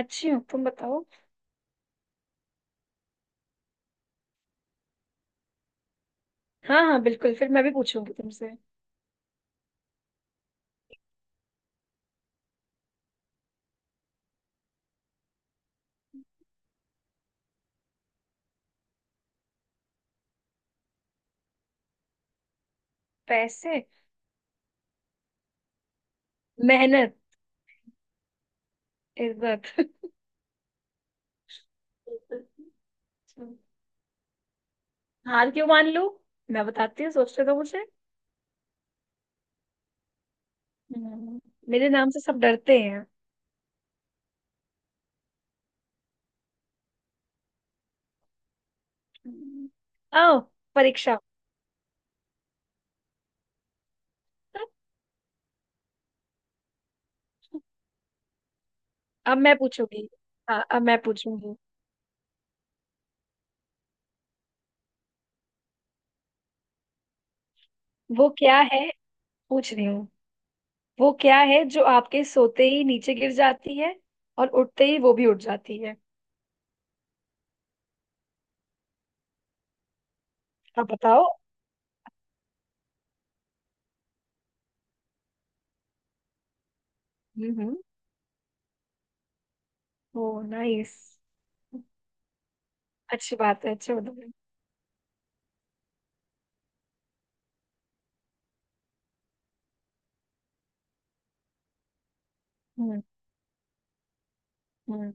अच्छी हो। तुम बताओ। हाँ हाँ बिल्कुल, फिर मैं भी पूछूंगी तुमसे। पैसे। मेहनत। इज्जत। हार क्यों मान लूं? मैं बताती हूँ, सोचते तो मुझे। हम्म, मेरे नाम से सब डरते हैं। हम्म, आओ। परीक्षा। अब मैं पूछूंगी। हाँ अब मैं पूछूंगी। वो क्या है, पूछ रही हूँ। वो क्या है जो आपके सोते ही नीचे गिर जाती है, और उठते ही वो भी उठ जाती है। अब बताओ। हम्म। ओ नाइस। अच्छी बात है। अच्छा बताओ। हम्म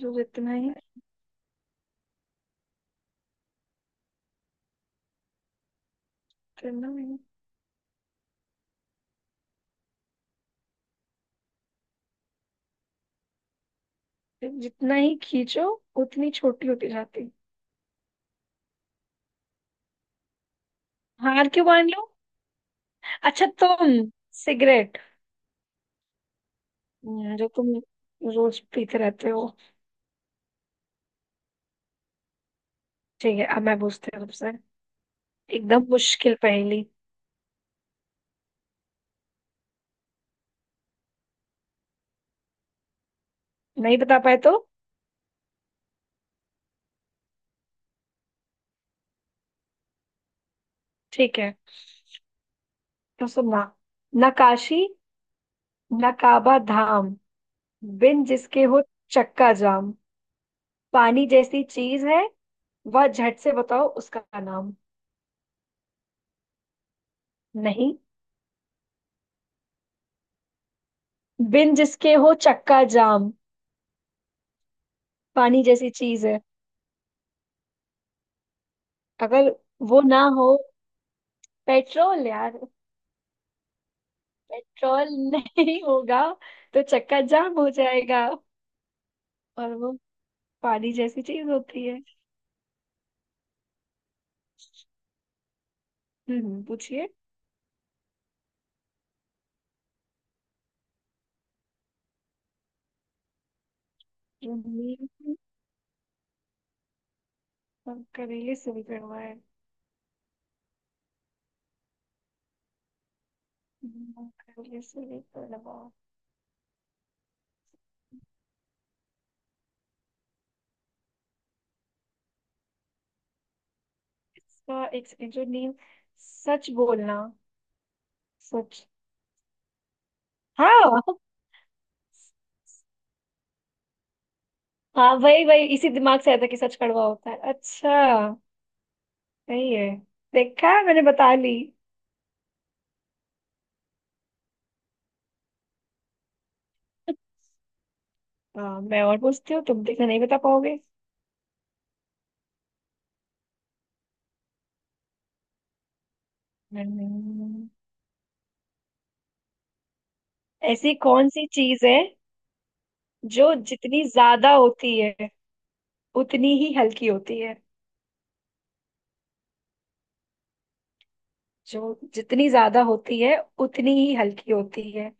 जो जितना ही करना नहीं। फिर जितना ही खींचो, उतनी छोटी होती जाती। हार क्यों मान लो? अच्छा तुम। सिगरेट। जो तुम रोज पीते रहते हो। ठीक है अब मैं पूछती हूँ तुमसे। एकदम मुश्किल पहेली। नहीं बता पाए तो? ठीक है। तो सुनना। नकाशी नकाबा धाम, बिन जिसके हो चक्का जाम, पानी जैसी चीज है, वह झट से बताओ उसका नाम। नहीं। बिन जिसके हो चक्का जाम, पानी जैसी चीज है। अगर वो ना हो। पेट्रोल यार। पेट्रोल नहीं होगा तो चक्का जाम हो जाएगा। और वो पानी जैसी चीज होती है। हम्म, पूछिए। हम्म, कंकरेले से भी कड़वा है। कंकरेले से भी कड़वा। इसका एक सेकंड, जो नीम। सच बोलना। सच। हाँ हाँ, वही वही इसी दिमाग से आया था कि सच कड़वा होता है। अच्छा। सही है। देखा मैंने बता ली। हाँ मैं और पूछती हूँ, तुम देखना नहीं बता पाओगे। हम्म, ऐसी कौन सी चीज है जो जितनी ज्यादा होती है उतनी ही हल्की होती है? जो जितनी ज्यादा होती है उतनी ही हल्की होती है।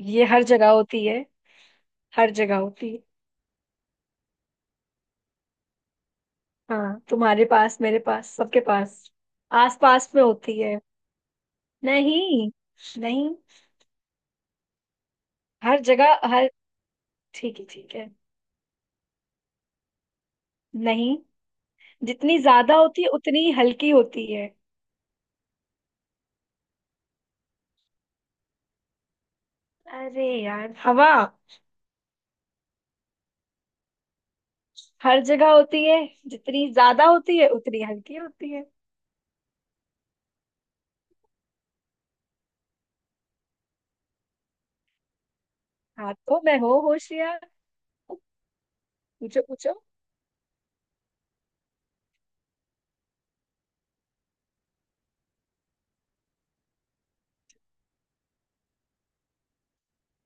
ये हर जगह होती है। हर जगह होती है। हाँ तुम्हारे पास, मेरे पास, सबके पास। आस पास में होती है। नहीं। नहीं। हर जगह हर। ठीक है ठीक है। नहीं, जितनी ज्यादा होती है उतनी ही हल्की होती है। अरे यार, हवा। हर जगह होती है। जितनी ज्यादा होती है उतनी हल्की होती है। हाथों में हो होशियार। पूछो पूछो।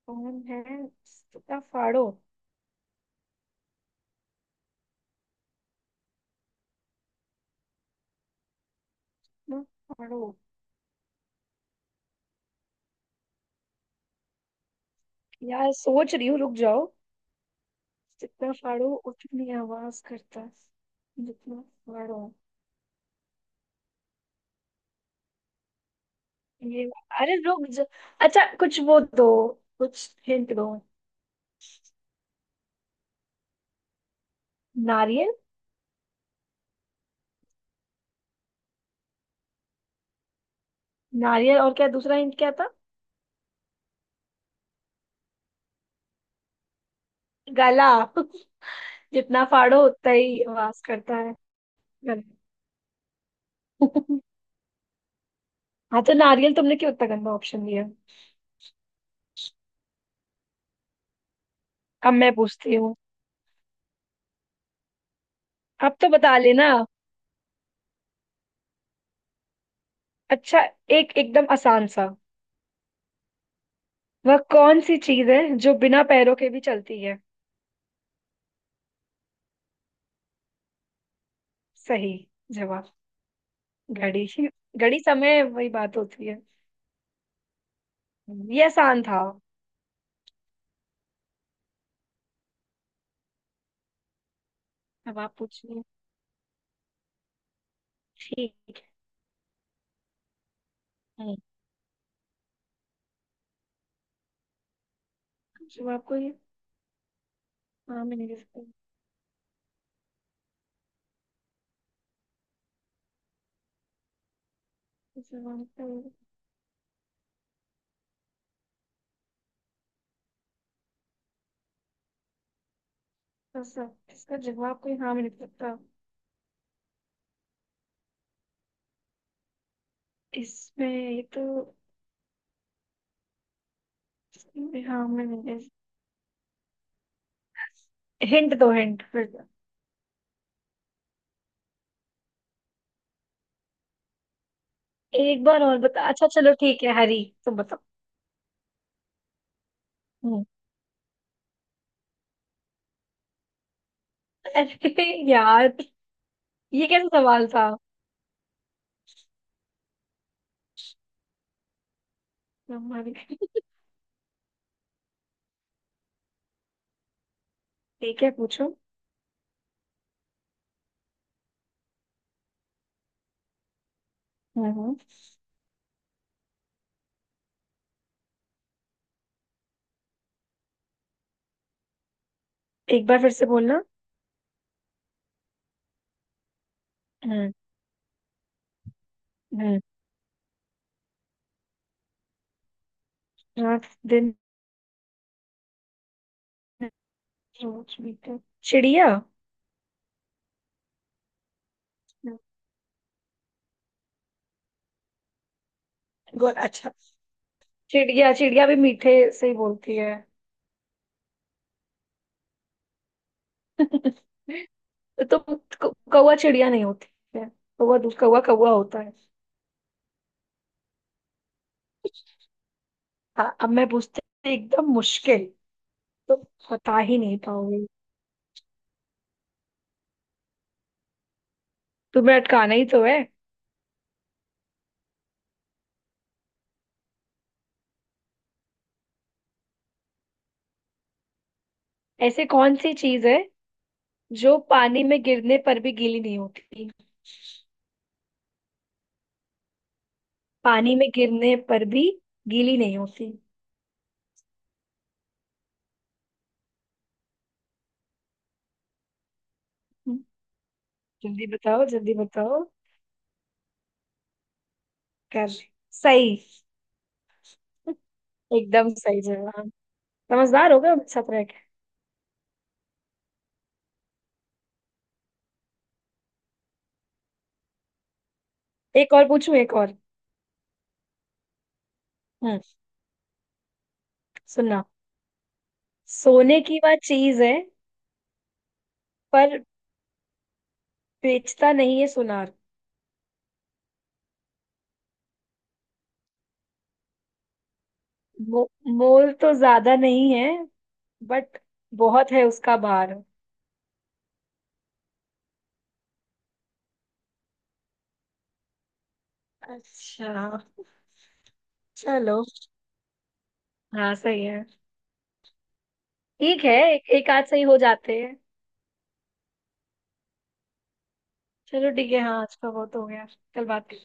कौन है? जितना फाड़ो उतना फाड़ो? यार सोच रही हूँ, रुक जाओ। जितना फाड़ो उतनी आवाज करता है। जितना फाड़ो। ये, अरे रुक जा। अच्छा कुछ वो दो, कुछ हिंट दो। नारियल। नारियल और क्या दूसरा हिंट क्या था? गला जितना फाड़ो उतना ही आवाज करता है। गला हाँ तो नारियल तुमने क्यों इतना गंदा ऑप्शन दिया? अब मैं पूछती हूँ। अब तो बता लेना। अच्छा एक एकदम आसान सा। वह कौन सी चीज है जो बिना पैरों के भी चलती है? सही जवाब। घड़ी। घड़ी समय वही बात होती है। ये आसान था। अब आप पूछिए। ठीक है। हम्म। जवाब कोई हाँ में नहीं दे सकता। जवाब कोई- इसका जवाब कोई हाँ में नहीं दे सकता। इसमें ये तो इसमें हाँ में नहीं दे सकता। हिंट दो हिंट फिर। एक बार और बता। अच्छा चलो ठीक है, हरी तुम बताओ। हम्म। अरे यार, ये कैसा सवाल था? हमारे। ठीक है पूछो। हम्म हम्म। एक बार फिर से बोलना। हम्म हम्म। रात दिन। रोज मीठे। चिड़िया। गोल अच्छा। चिड़िया, चिड़िया भी मीठे से ही बोलती है। तो तुम, कौवा चिड़िया नहीं होती है? कौवा दूध, कौवा कौवा होता है। हाँ अब मैं पूछती हूँ, एकदम मुश्किल। तुम बता ही नहीं पाओगे। तुम्हें अटकाना ही तो है। ऐसे कौन सी चीज है जो पानी में गिरने पर भी गीली नहीं होती? पानी में गिरने पर भी गीली नहीं होती। हम्म, जल्दी बताओ जल्दी बताओ। कर। सही। एकदम सही जवाब। समझदार हो गए हो मेरे साथ रह के। एक और पूछूं, एक और। हम्म। सुनना। सोने की वह चीज है, पर बेचता नहीं है सुनार। मोल तो ज्यादा नहीं है, बट बहुत है उसका भार। अच्छा। चलो हाँ सही है। ठीक है, एक आध सही हो जाते हैं। चलो ठीक है, हाँ आज का बहुत हो गया। कल बात।